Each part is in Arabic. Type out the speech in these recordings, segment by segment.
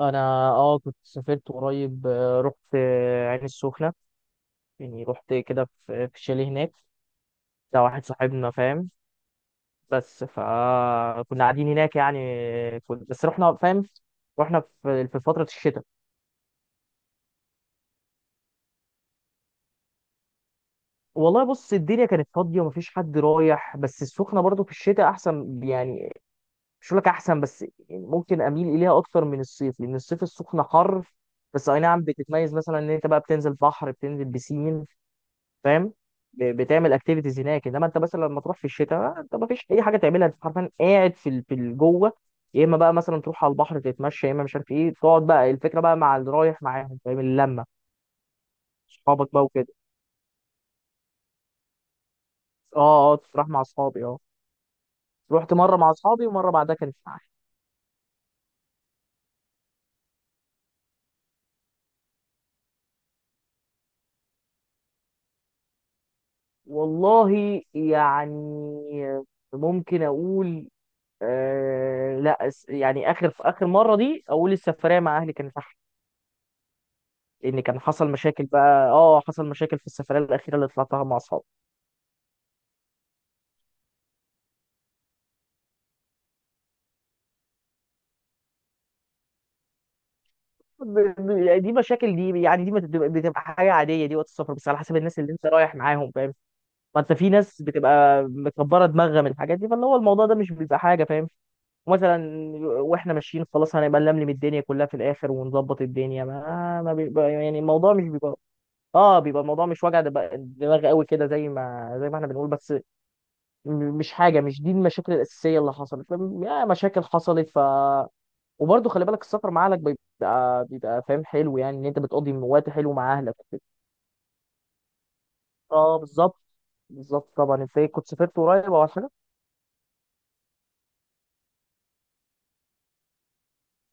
انا، اه، كنت سافرت قريب، رحت عين السخنه. يعني رحت كده في شاليه هناك. ده واحد صاحبنا، فاهم؟ بس فكنا قاعدين هناك يعني. كنت بس رحنا، فاهم، رحنا في فتره الشتاء. والله، بص، الدنيا كانت فاضيه ومفيش حد رايح، بس السخنه برضو في الشتاء احسن يعني. مش هقول لك احسن، بس ممكن اميل اليها اكتر من الصيف، لان الصيف السخنه حر. بس اي نعم، بتتميز مثلا ان انت بقى بتنزل بحر، بتنزل بسين، فاهم، بتعمل اكتيفيتيز هناك. انما انت مثلا لما تروح في الشتاء، انت ما فيش اي حاجه تعملها، انت حرفيا قاعد جوه. يا اما بقى مثلا تروح على البحر تتمشى، يا اما مش عارف ايه، تقعد بقى، الفكره بقى مع اللي رايح معاهم، فاهم، اللمه، اصحابك بقى وكده. اه، اه، تروح مع اصحابي، اه. رحت مره مع اصحابي، ومره بعدها كانت معايا. والله يعني، ممكن اقول، آه لا أس- يعني اخر اخر مره دي اقول السفريه مع اهلي كانت. لان كان حصل مشاكل بقى، حصل مشاكل في السفريه الاخيره اللي طلعتها مع اصحابي. يعني دي مشاكل، دي يعني دي بتبقى حاجه عاديه دي وقت السفر، بس على حسب الناس اللي انت رايح معاهم، فاهم. ما انت في ناس بتبقى مكبره دماغها من الحاجات دي، فاللي هو الموضوع ده مش بيبقى حاجه، فاهم. ومثلا، واحنا ماشيين خلاص، هنبقى نلملم الدنيا كلها في الاخر ونظبط الدنيا، ما بيبقى يعني الموضوع مش بيبقى. اه بيبقى الموضوع مش وجع دماغ قوي كده، زي ما احنا بنقول بس. مش حاجه، مش دي المشاكل الاساسيه اللي حصلت، فاهم؟ يا مشاكل حصلت. وبرضه خلي بالك، السفر مع اهلك بيبقى فاهم، حلو يعني. ان انت بتقضي وقت حلو مع اهلك وكده. اه، بالظبط. بالظبط طبعا. انت إيه، كنت سافرت قريب او حاجه؟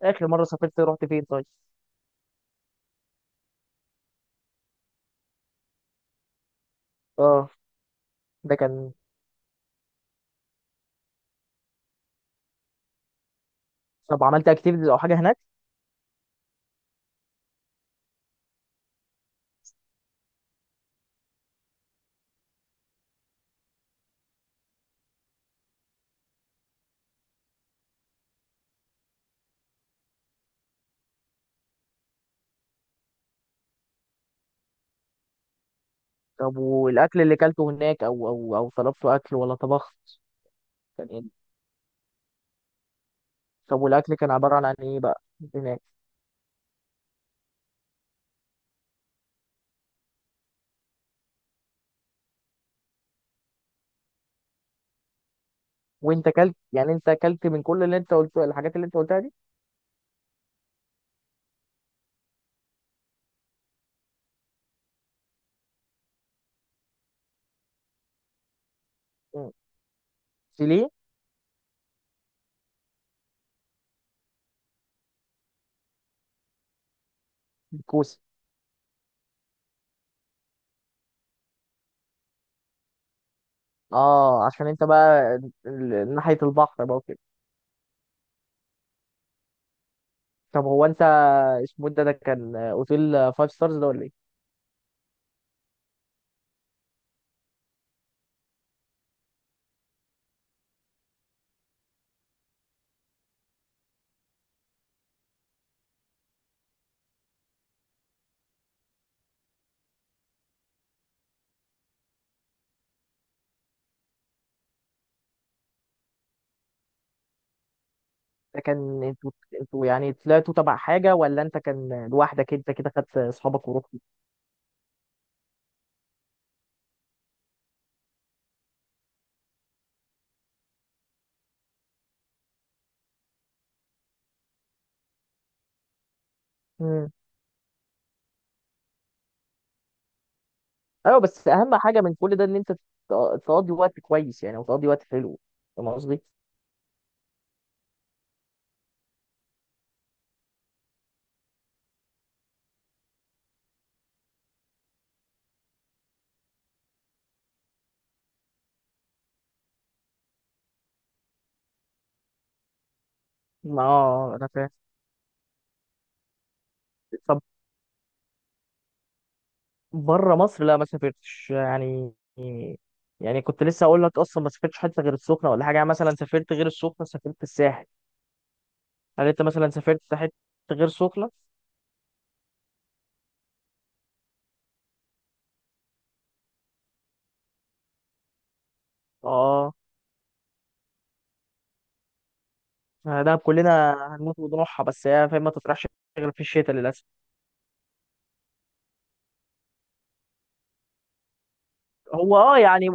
اخر مره سافرت رحت فين طيب؟ اه، ده كان. طب عملت اكتيفيتيز او حاجه هناك؟ طب والاكل اللي كلته هناك، او طلبت اكل ولا طبخت؟ كان ايه؟ طب والاكل كان عباره عن ايه بقى هناك؟ وانت كلت يعني، انت كلت من كل اللي انت قلته، الحاجات اللي انت قلتها؟ دي سيليه؟ الكوسي؟ اه، عشان انت بقى ناحية البحر بقى وكده. طب هو انت اسمه إيه ده؟ ده كان اوتيل فايف ستارز ده ولا ايه؟ ده كان انتوا يعني طلعتوا تبع حاجة، ولا انت كان لوحدك انت كده خدت اصحابك ورحتوا؟ امم. ايوه، بس اهم حاجة من كل ده ان انت تقضي وقت كويس يعني، وتقضي وقت حلو. فاهم قصدي؟ ما انا فاهم. بره مصر؟ لا، ما سافرتش يعني. يعني كنت لسه اقول لك اصلا، ما سافرتش حته غير السخنه ولا حاجه. يعني مثلا سافرت غير السخنه، سافرت الساحل. هل انت مثلا سافرت حته غير سخنه؟ اه، يعني ده كلنا هنموت ونروحها، بس هي فاهم ما تطرحش غير في الشتاء للاسف. هو يعني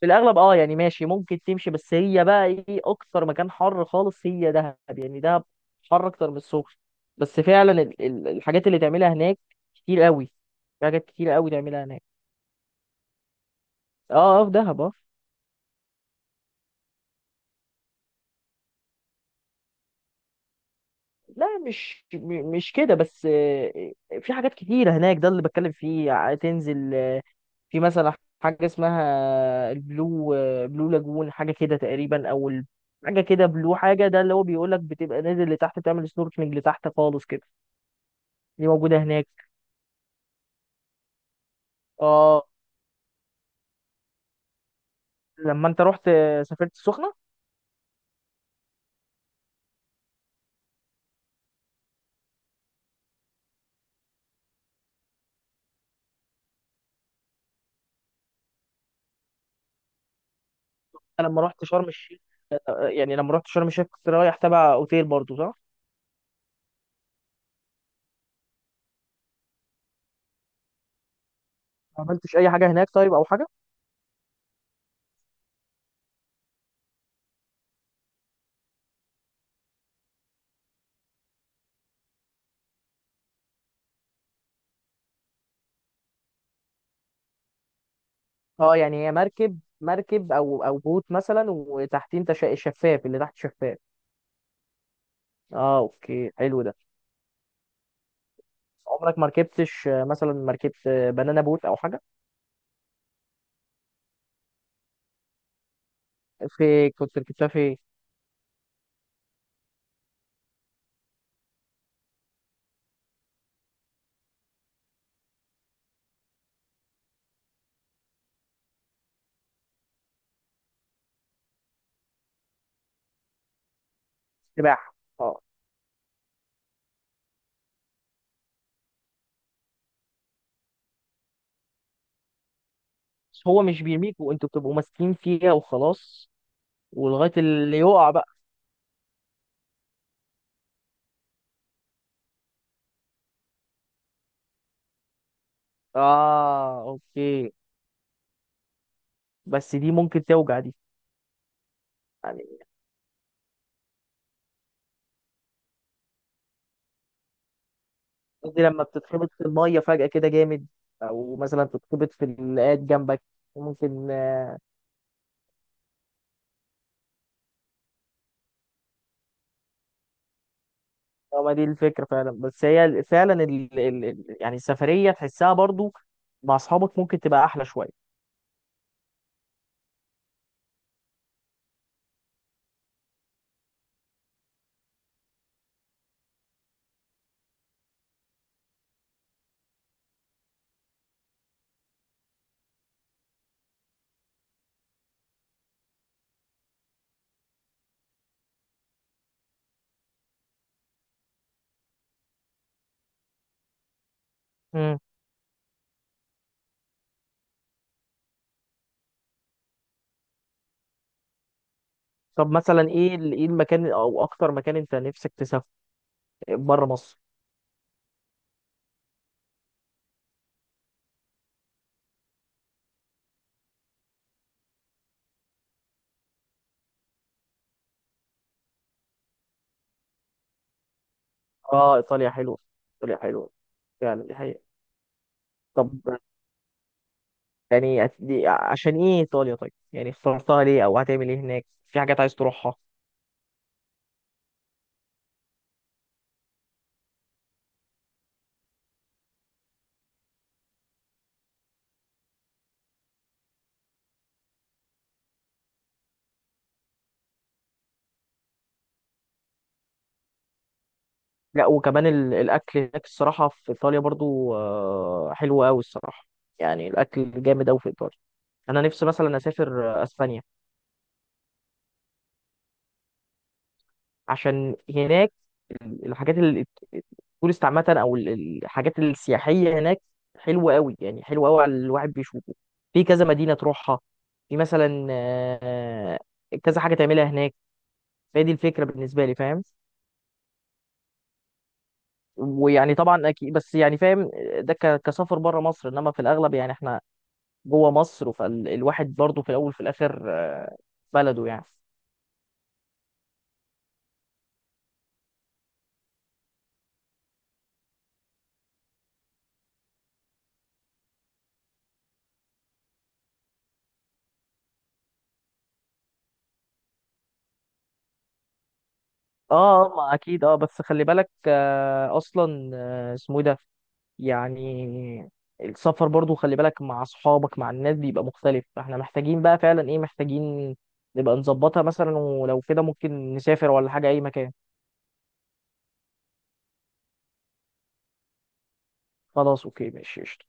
في الاغلب، يعني ماشي، ممكن تمشي. بس هي بقى ايه، اكتر مكان حر خالص هي دهب يعني. دهب حر اكتر من السخنه. بس فعلا الحاجات اللي تعملها هناك كتير قوي. في حاجات كتير قوي تعملها هناك. اه، اه، في دهب، اه. لا، مش كده بس، في حاجات كتيرة هناك ده اللي بتكلم فيه. تنزل، في مثلا حاجة اسمها البلو، بلو لاجون حاجة كده تقريبا. أو حاجة كده بلو حاجة، ده اللي هو بيقولك بتبقى نازل لتحت، تعمل سنوركلينج لتحت خالص كده. دي موجودة هناك. اه، لما انت رحت سافرت السخنة. انا لما رحت شرم الشيخ، يعني لما رحت شرم الشيخ كنت رايح تبع اوتيل برضو، صح؟ ما عملتش اي حاجة هناك طيب او حاجة؟ اه، يعني هي مركب او بوت مثلا، وتحتيه انت شفاف، اللي تحت شفاف. اه، اوكي، حلو ده. عمرك ما ركبتش مثلا مركبت بنانا بوت او حاجه؟ في كنت ركبتها في. سباحه. اه، بس هو مش بيرميك وانتوا بتبقوا ماسكين فيها وخلاص، ولغايه اللي يقع بقى. اه، اوكي. بس دي ممكن توجع دي. يعني قصدي، لما بتتخبط في الميه فجاه كده جامد، او مثلا تتخبط في اللي قاعد جنبك، ممكن. اه، ما دي الفكرة فعلا، بس هي فعلا يعني السفرية تحسها برضو مع أصحابك ممكن تبقى أحلى شوية. امم. طب مثلا إيه المكان أو أكتر مكان أنت نفسك تسافر بره مصر؟ آه، إيطاليا حلوة. إيطاليا حلوة فعلا، دي حقيقة. طب يعني عشان إيه إيطاليا طيب؟ يعني اخترتها ليه أو هتعمل إيه هناك؟ في حاجات عايز تروحها؟ لا، وكمان الأكل هناك، الصراحة في إيطاليا برضو حلو أوي، الصراحة. يعني الأكل جامد أوي في إيطاليا. أنا نفسي مثلا أسافر أسبانيا. عشان هناك الحاجات التورست عامة، أو الحاجات السياحية هناك حلوة قوي يعني، حلوة قوي على الواحد بيشوفه. في كذا مدينة تروحها. في مثلا كذا حاجة تعملها هناك. فهي دي الفكرة بالنسبة لي، فاهم. ويعني طبعا أكيد بس يعني، فاهم، ده كسفر بره مصر. إنما في الأغلب يعني إحنا جوه مصر، فالواحد برضه في الأول وفي الآخر، بلده يعني. اه، ما اكيد، بس خلي بالك اصلا، اسمه إيه ده يعني، السفر برضو خلي بالك مع اصحابك، مع الناس بيبقى مختلف. فاحنا محتاجين بقى فعلا ايه، محتاجين نبقى نظبطها مثلا، ولو كده ممكن نسافر ولا حاجة اي مكان. خلاص، اوكي، ماشي، قشطة.